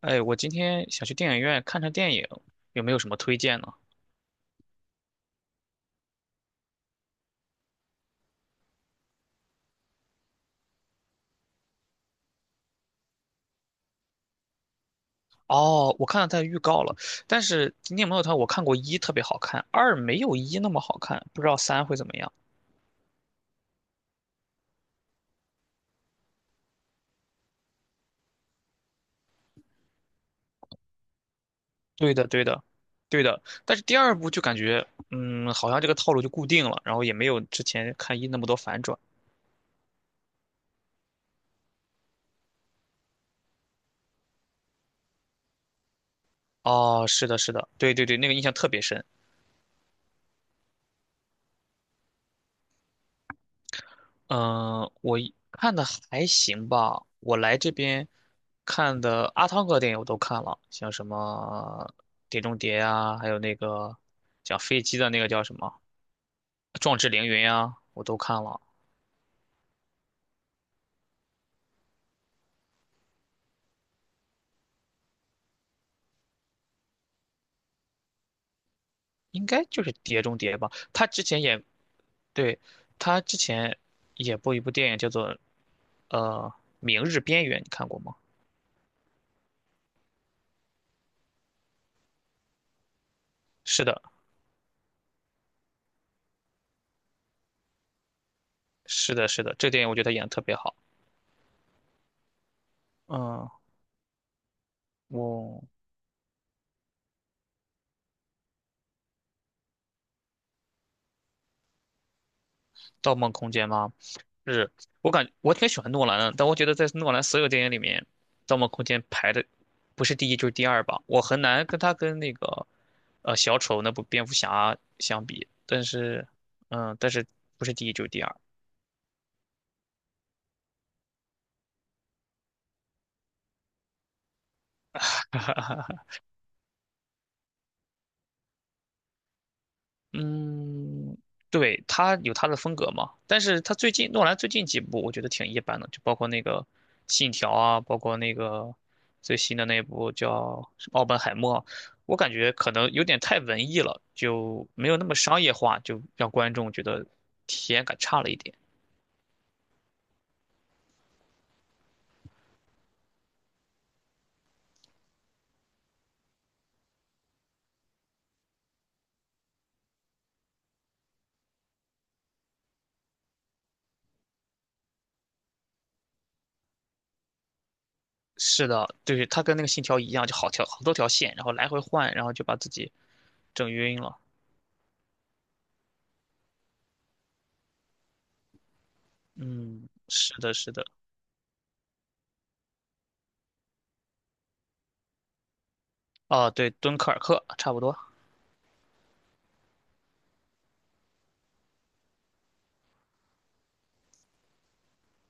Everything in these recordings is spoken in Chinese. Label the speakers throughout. Speaker 1: 哎，我今天想去电影院看看电影，有没有什么推荐呢？哦，我看到它的预告了，但是《今天没有它我看过一特别好看，二没有一那么好看，不知道三会怎么样。对的，对的，对的。但是第二部就感觉，好像这个套路就固定了，然后也没有之前看一那么多反转。哦，是的，是的，对对对，那个印象特别深。嗯，我一看的还行吧。我来这边看的阿汤哥电影我都看了，像什么《碟中谍》啊，还有那个讲飞机的那个叫什么《壮志凌云》啊，我都看了。应该就是《碟中谍》吧。他之前演，对，他之前演过一部电影叫做呃《明日边缘》，你看过吗？是的，是的，是的，这个电影我觉得他演的特别好。嗯，我《盗梦空间》吗？是我挺喜欢诺兰的，但我觉得在诺兰所有电影里面，《盗梦空间》排的不是第一就是第二吧。我很难跟那个小丑那部蝙蝠侠相比，但是嗯，但是不是第一就是第二。嗯，对，他有他的风格嘛，但是他最近诺兰最近几部我觉得挺一般的，就包括那个《信条》啊，包括那个最新的那部叫什么奥本海默》，我感觉可能有点太文艺了，就没有那么商业化，就让观众觉得体验感差了一点。是的，对，他跟那个《信条》一样，就好多条线，然后来回换，然后就把自己整晕了。嗯，是的，是的，啊，对，《敦刻尔克》差不多。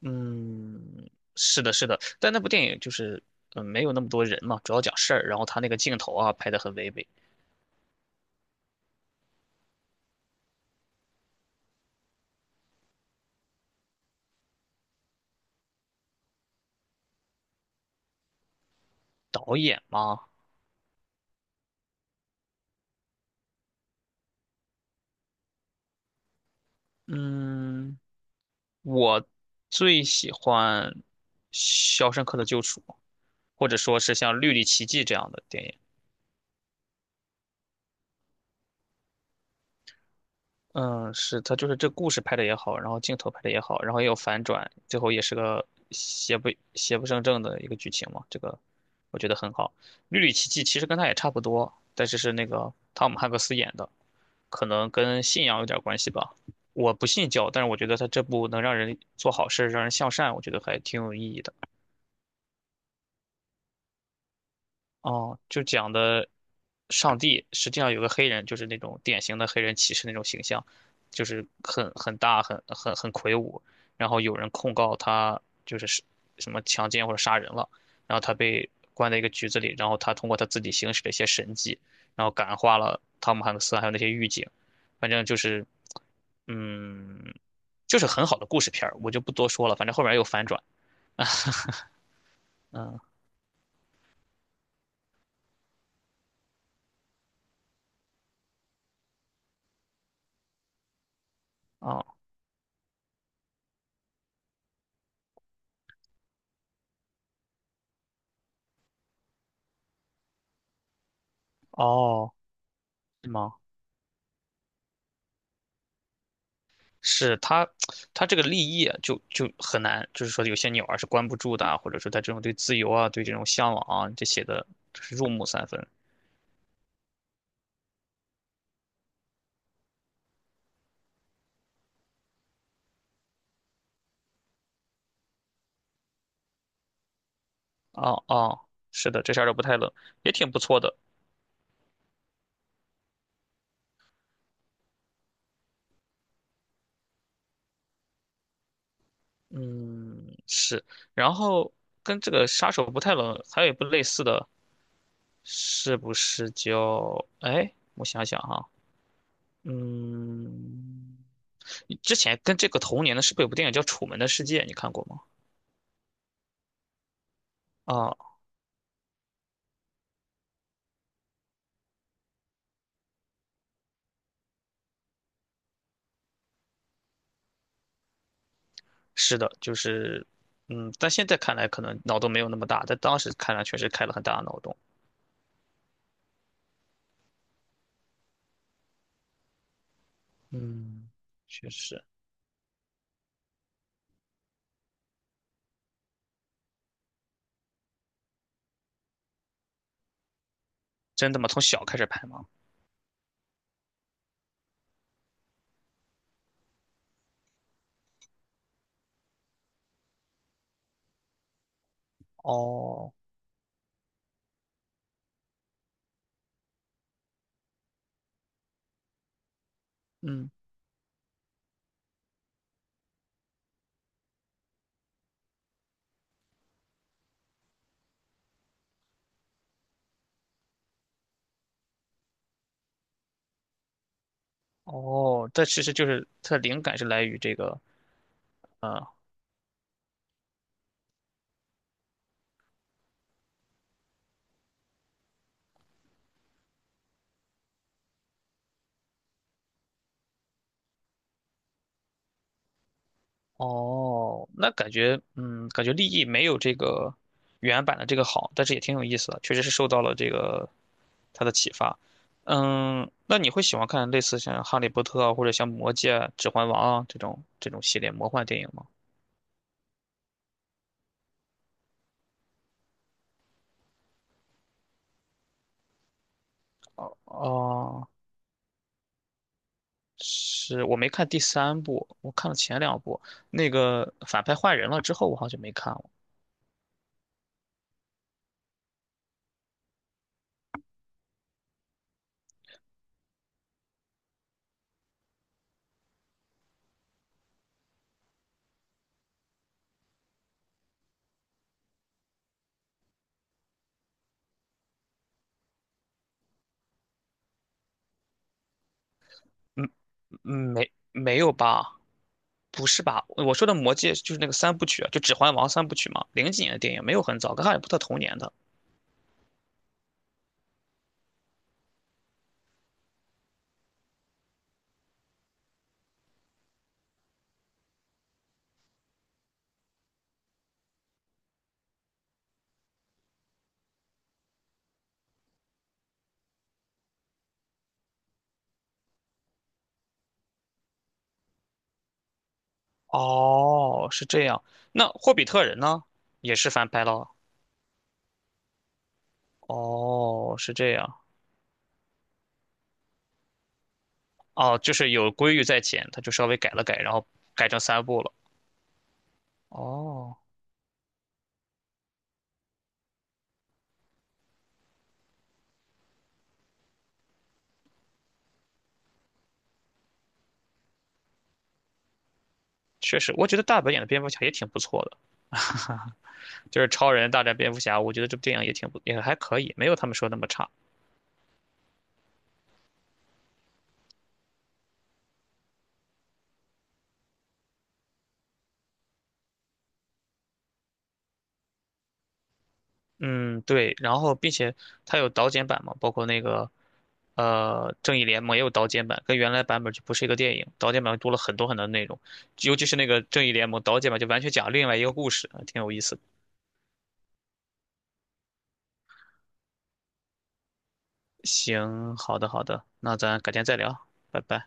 Speaker 1: 嗯，是的，是的，但那部电影就是，没有那么多人嘛，主要讲事儿，然后他那个镜头啊拍的很唯美。导演嘛，嗯，我最喜欢《肖申克的救赎》，或者说是像《绿里奇迹》这样的电影。嗯，是他就是这故事拍的也好，然后镜头拍的也好，然后也有反转，最后也是个邪不胜正的一个剧情嘛，这个我觉得很好。《绿里奇迹》其实跟他也差不多，但是是那个汤姆汉克斯演的。可能跟信仰有点关系吧。我不信教，但是我觉得他这部能让人做好事，让人向善，我觉得还挺有意义的。哦，就讲的上帝实际上有个黑人，就是那种典型的黑人骑士那种形象，就是很大、很魁梧。然后有人控告他就是什么强奸或者杀人了，然后他被关在一个局子里，然后他通过他自己行使的一些神迹，然后感化了汤姆汉克斯还有那些狱警。反正就是，嗯，就是很好的故事片儿，我就不多说了。反正后面有反转。嗯，哦哦，是吗？是他，他这个立业就很难，就是说有些鸟儿是关不住的啊，或者说他这种对自由啊，对这种向往啊，这写的就是入木三分。哦哦，是的，这下儿都不太冷，也挺不错的。嗯，是。然后跟这个杀手不太冷还有一部类似的，是不是叫？哎，我想想哈，嗯，之前跟这个同年的是不是有部电影叫《楚门的世界》？你看过吗？啊是的，就是，但现在看来可能脑洞没有那么大，但当时看来确实开了很大的脑洞。嗯，确实，真的吗？从小开始拍吗？哦，嗯，哦，但其实就是它的灵感是来于这个，嗯，哦，那感觉，感觉立意没有这个原版的这个好，但是也挺有意思的，确实是受到了这个它的启发。嗯，那你会喜欢看类似像《哈利波特》啊，或者像《魔戒》啊指环王》啊这种这种系列魔幻电影吗？哦，是我没看第三部，我看了前两部。那个反派换人了之后，我好像没看了。嗯嗯，没没有吧？不是吧？我说的《魔戒》就是那个三部曲啊，就《指环王》三部曲嘛，零几年的电影，没有很早，跟哈利波特同年的。哦，是这样。那霍比特人呢？也是翻拍了。哦，是这样。哦，就是有规律在前，他就稍微改了改，然后改成三部了。哦，确实，我觉得大本演的蝙蝠侠也挺不错的。就是超人大战蝙蝠侠，我觉得这部电影也挺不也还可以，没有他们说那么差。嗯，对，然后并且它有导剪版嘛，包括那个正义联盟也有导剪版，跟原来版本就不是一个电影，导剪版多了很多很多内容，尤其是那个正义联盟导剪版就完全讲另外一个故事，挺有意思的。行，好的好的，那咱改天再聊，拜拜。